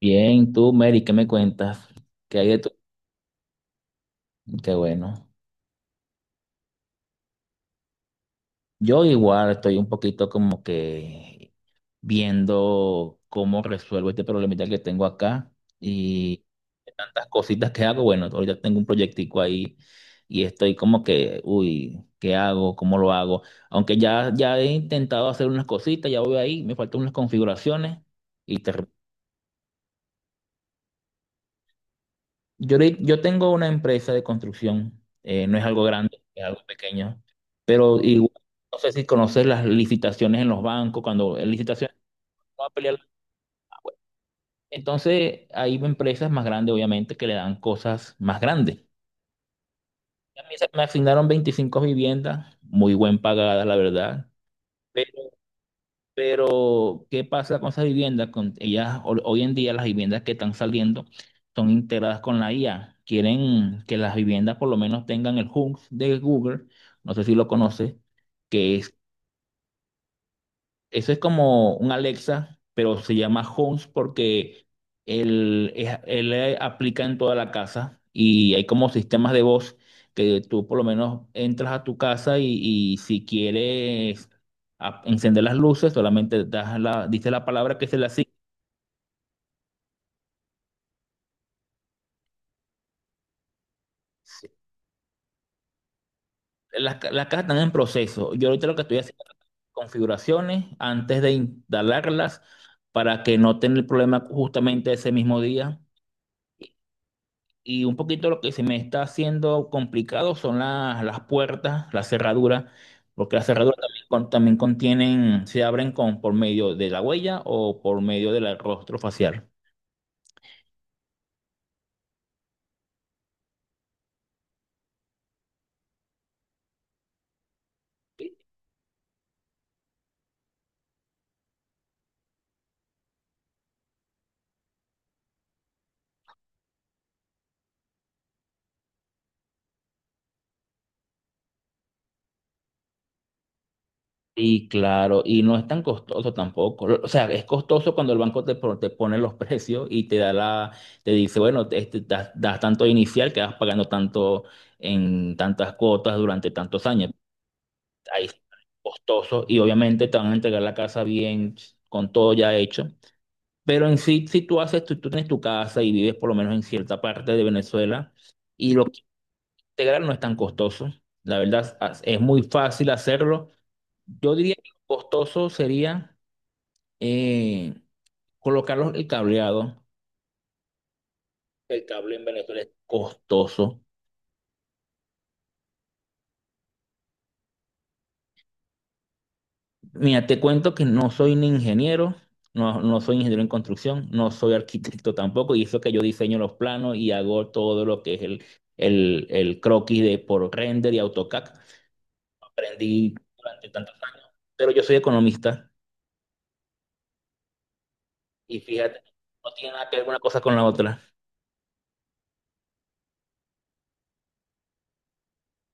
Bien, tú, Mary, ¿qué me cuentas? ¿Qué hay de tu- Qué bueno. Yo igual estoy un poquito como que viendo cómo resuelvo este problemita que tengo acá y tantas cositas que hago. Bueno, ahorita tengo un proyectico ahí y estoy como que, uy, ¿qué hago? ¿Cómo lo hago? Aunque ya he intentado hacer unas cositas, ya voy ahí, me faltan unas configuraciones y te yo tengo una empresa de construcción, no es algo grande, es algo pequeño, pero igual, no sé si conoces las licitaciones en los bancos, cuando en licitaciones va a pelear. Entonces, hay empresas más grandes, obviamente, que le dan cosas más grandes. A mí se me asignaron 25 viviendas, muy buen pagadas, la verdad. Pero, ¿qué pasa con esas viviendas? Con ellas, hoy en día las viviendas que están saliendo son integradas con la IA. Quieren que las viviendas por lo menos tengan el Home de Google, no sé si lo conoces, que es eso es como un Alexa, pero se llama Homes porque él aplica en toda la casa y hay como sistemas de voz que tú por lo menos entras a tu casa y si quieres encender las luces, solamente dices la palabra que se le asigna. Las casas están en proceso. Yo ahorita lo que estoy haciendo es configuraciones antes de instalarlas para que no tenga el problema justamente ese mismo día. Y un poquito lo que se me está haciendo complicado son las puertas, las cerraduras, porque las cerraduras también, también contienen, se abren con, por medio de la huella o por medio del rostro facial. Y claro, y no es tan costoso tampoco. O sea, es costoso cuando el banco te, te pone los precios y te da te dice, bueno, das tanto inicial que vas pagando tanto en tantas cuotas durante tantos años. Ahí sí, costoso, y obviamente te van a entregar la casa bien, con todo ya hecho. Pero en sí, si tú tienes tu casa y vives por lo menos en cierta parte de Venezuela y lo que integrar no es tan costoso. La verdad, es muy fácil hacerlo. Yo diría que lo costoso sería eh, colocar el cableado. El cable en Venezuela es costoso. Mira, te cuento que no soy un ingeniero, no soy ingeniero en construcción, no soy arquitecto tampoco, y eso que yo diseño los planos y hago todo lo que es el croquis de por render y AutoCAD. Aprendí durante tantos años, pero yo soy economista y fíjate, no tiene nada que ver una cosa con la otra.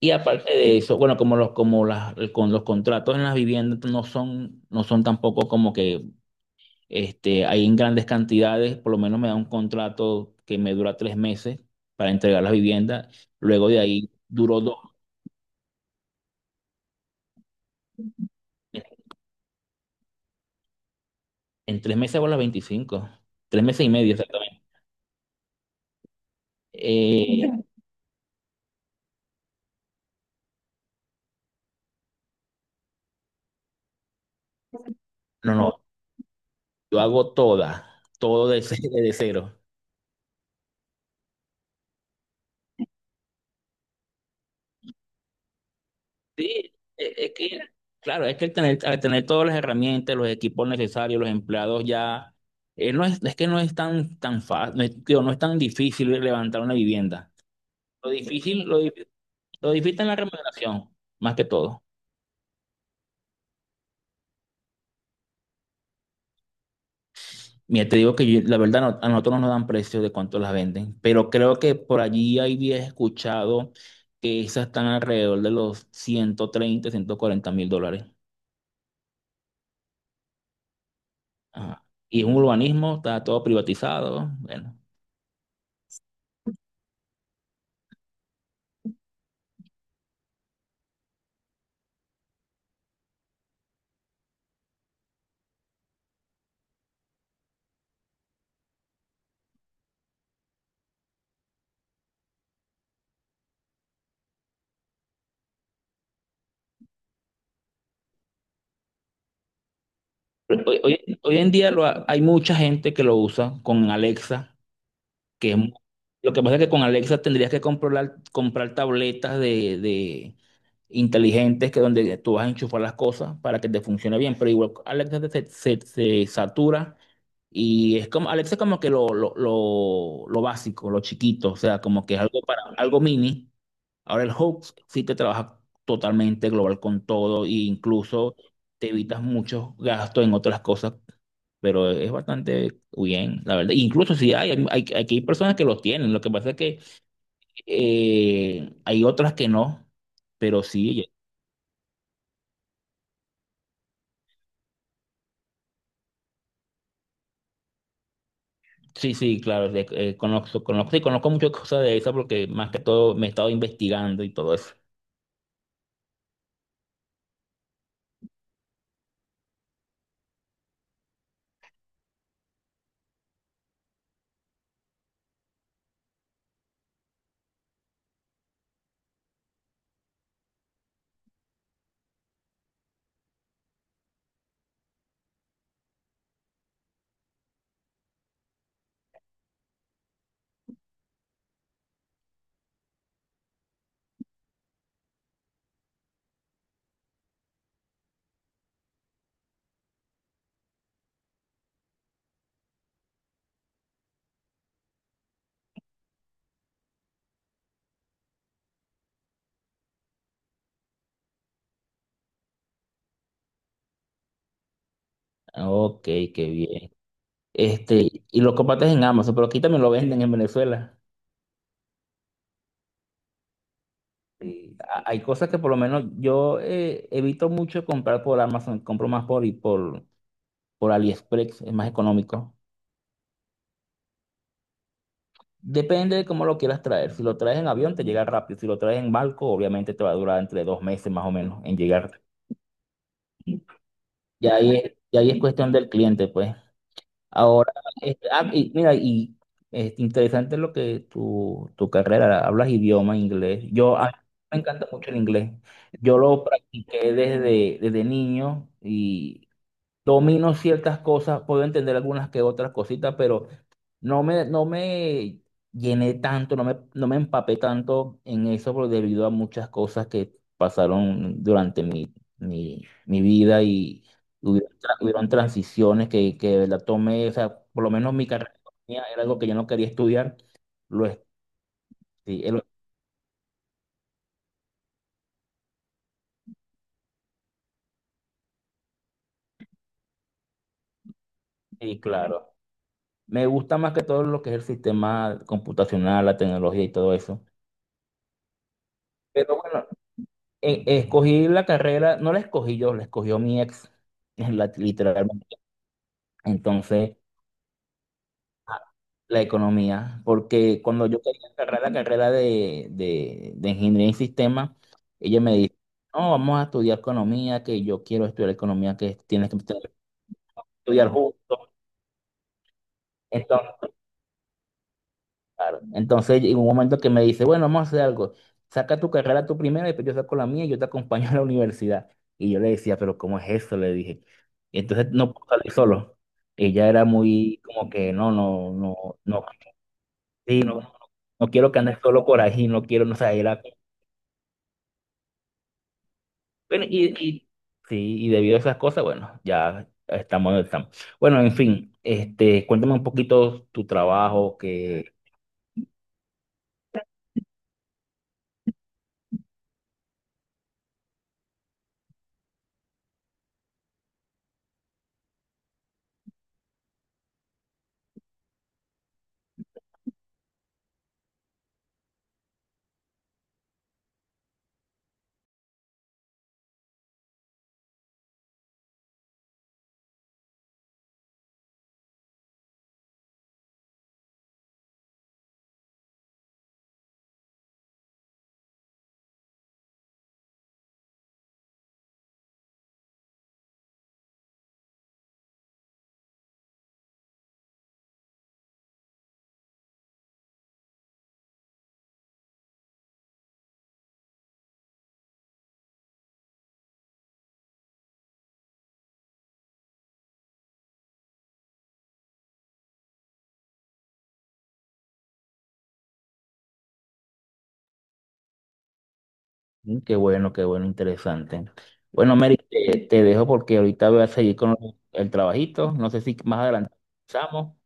Y aparte de eso, bueno, como los, como las, con los contratos en las viviendas no son tampoco como que. Este, ahí en grandes cantidades, por lo menos me da un contrato que me dura tres meses para entregar las viviendas. Luego de ahí duró dos. En tres meses hago las 25. Tres meses y medio exactamente. Mira. No, no, Yo hago todo de, ce- de cero. Sí, es que, claro, es que al tener todas las herramientas, los equipos necesarios, los empleados ya, no es que no es tan fácil, no es, digo, no es tan difícil levantar una vivienda. Lo difícil, lo difícil es la remuneración, más que todo. Mira, te digo que yo- la verdad no- a nosotros no nos dan precios de cuánto las venden, pero creo que por allí había escuchado que esas están alrededor de los $130.000 $140.000. Ajá. Y es un urbanismo, está todo privatizado. Bueno, hoy en día hay mucha gente que lo usa con Alexa, que es mu- lo que pasa es que con Alexa tendrías que comprar tabletas de, inteligentes que donde tú vas a enchufar las cosas para que te funcione bien, pero igual Alexa se satura y es como, Alexa es como que lo básico, lo chiquito, o sea, como que es algo para algo mini. Ahora el Hub sí te trabaja totalmente global con todo e incluso te evitas muchos gastos en otras cosas, pero es bastante bien, la verdad. Incluso si aquí hay personas que lo tienen, lo que pasa es que hay otras que no, pero sí, sí, sí, claro, conozco, conozco, sí, conozco muchas cosas de eso porque más que todo me he estado investigando y todo eso. Ok, qué bien. Este, y lo compartes en Amazon, pero aquí también lo venden en Venezuela. Sí, hay cosas que por lo menos yo evito mucho comprar por Amazon, compro más por AliExpress, es más económico. Depende de cómo lo quieras traer. Si lo traes en avión, te llega rápido. Si lo traes en barco, obviamente te va a durar entre dos meses más o menos en llegar. Y ahí es cuestión del cliente, pues. Ahora, mira, y es interesante lo que tu carrera, hablas idioma inglés. Yo, a mí me encanta mucho el inglés. Yo lo practiqué desde niño y domino ciertas cosas, puedo entender algunas que otras cositas, pero no me llené tanto, no me empapé tanto en eso debido a muchas cosas que pasaron durante mi vida y hubieron transiciones que la tomé, o sea, por lo menos mi carrera de economía era algo que yo no quería estudiar. Lo, es- sí, es lo- Sí, claro. Me gusta más que todo lo que es el sistema computacional, la tecnología y todo eso. Pero bueno, escogí la carrera, no la escogí yo, la escogió mi ex, literalmente. Entonces, a- la economía, porque cuando yo quería agarrar la carrera de ingeniería en sistemas, ella me dice, no, vamos a estudiar economía, que yo quiero estudiar economía, que tienes que estudiar justo. Entonces, claro, entonces en un momento que me dice, bueno, vamos a hacer algo, saca tu carrera tú primero, después yo saco la mía y yo te acompaño a la universidad. Y yo le decía, pero ¿cómo es eso? Le dije. Entonces no puedo salir solo. Ella era muy como que no, no, no, no. Sí, no, no quiero que andes solo por ahí, no quiero, no sé, era... Bueno, sí, y debido a esas cosas, bueno, ya estamos donde estamos. Bueno, en fin, este, cuéntame un poquito tu trabajo, que, mm, qué bueno, interesante. Bueno, Mary, te dejo porque ahorita voy a seguir con el trabajito, no sé si más adelante empezamos.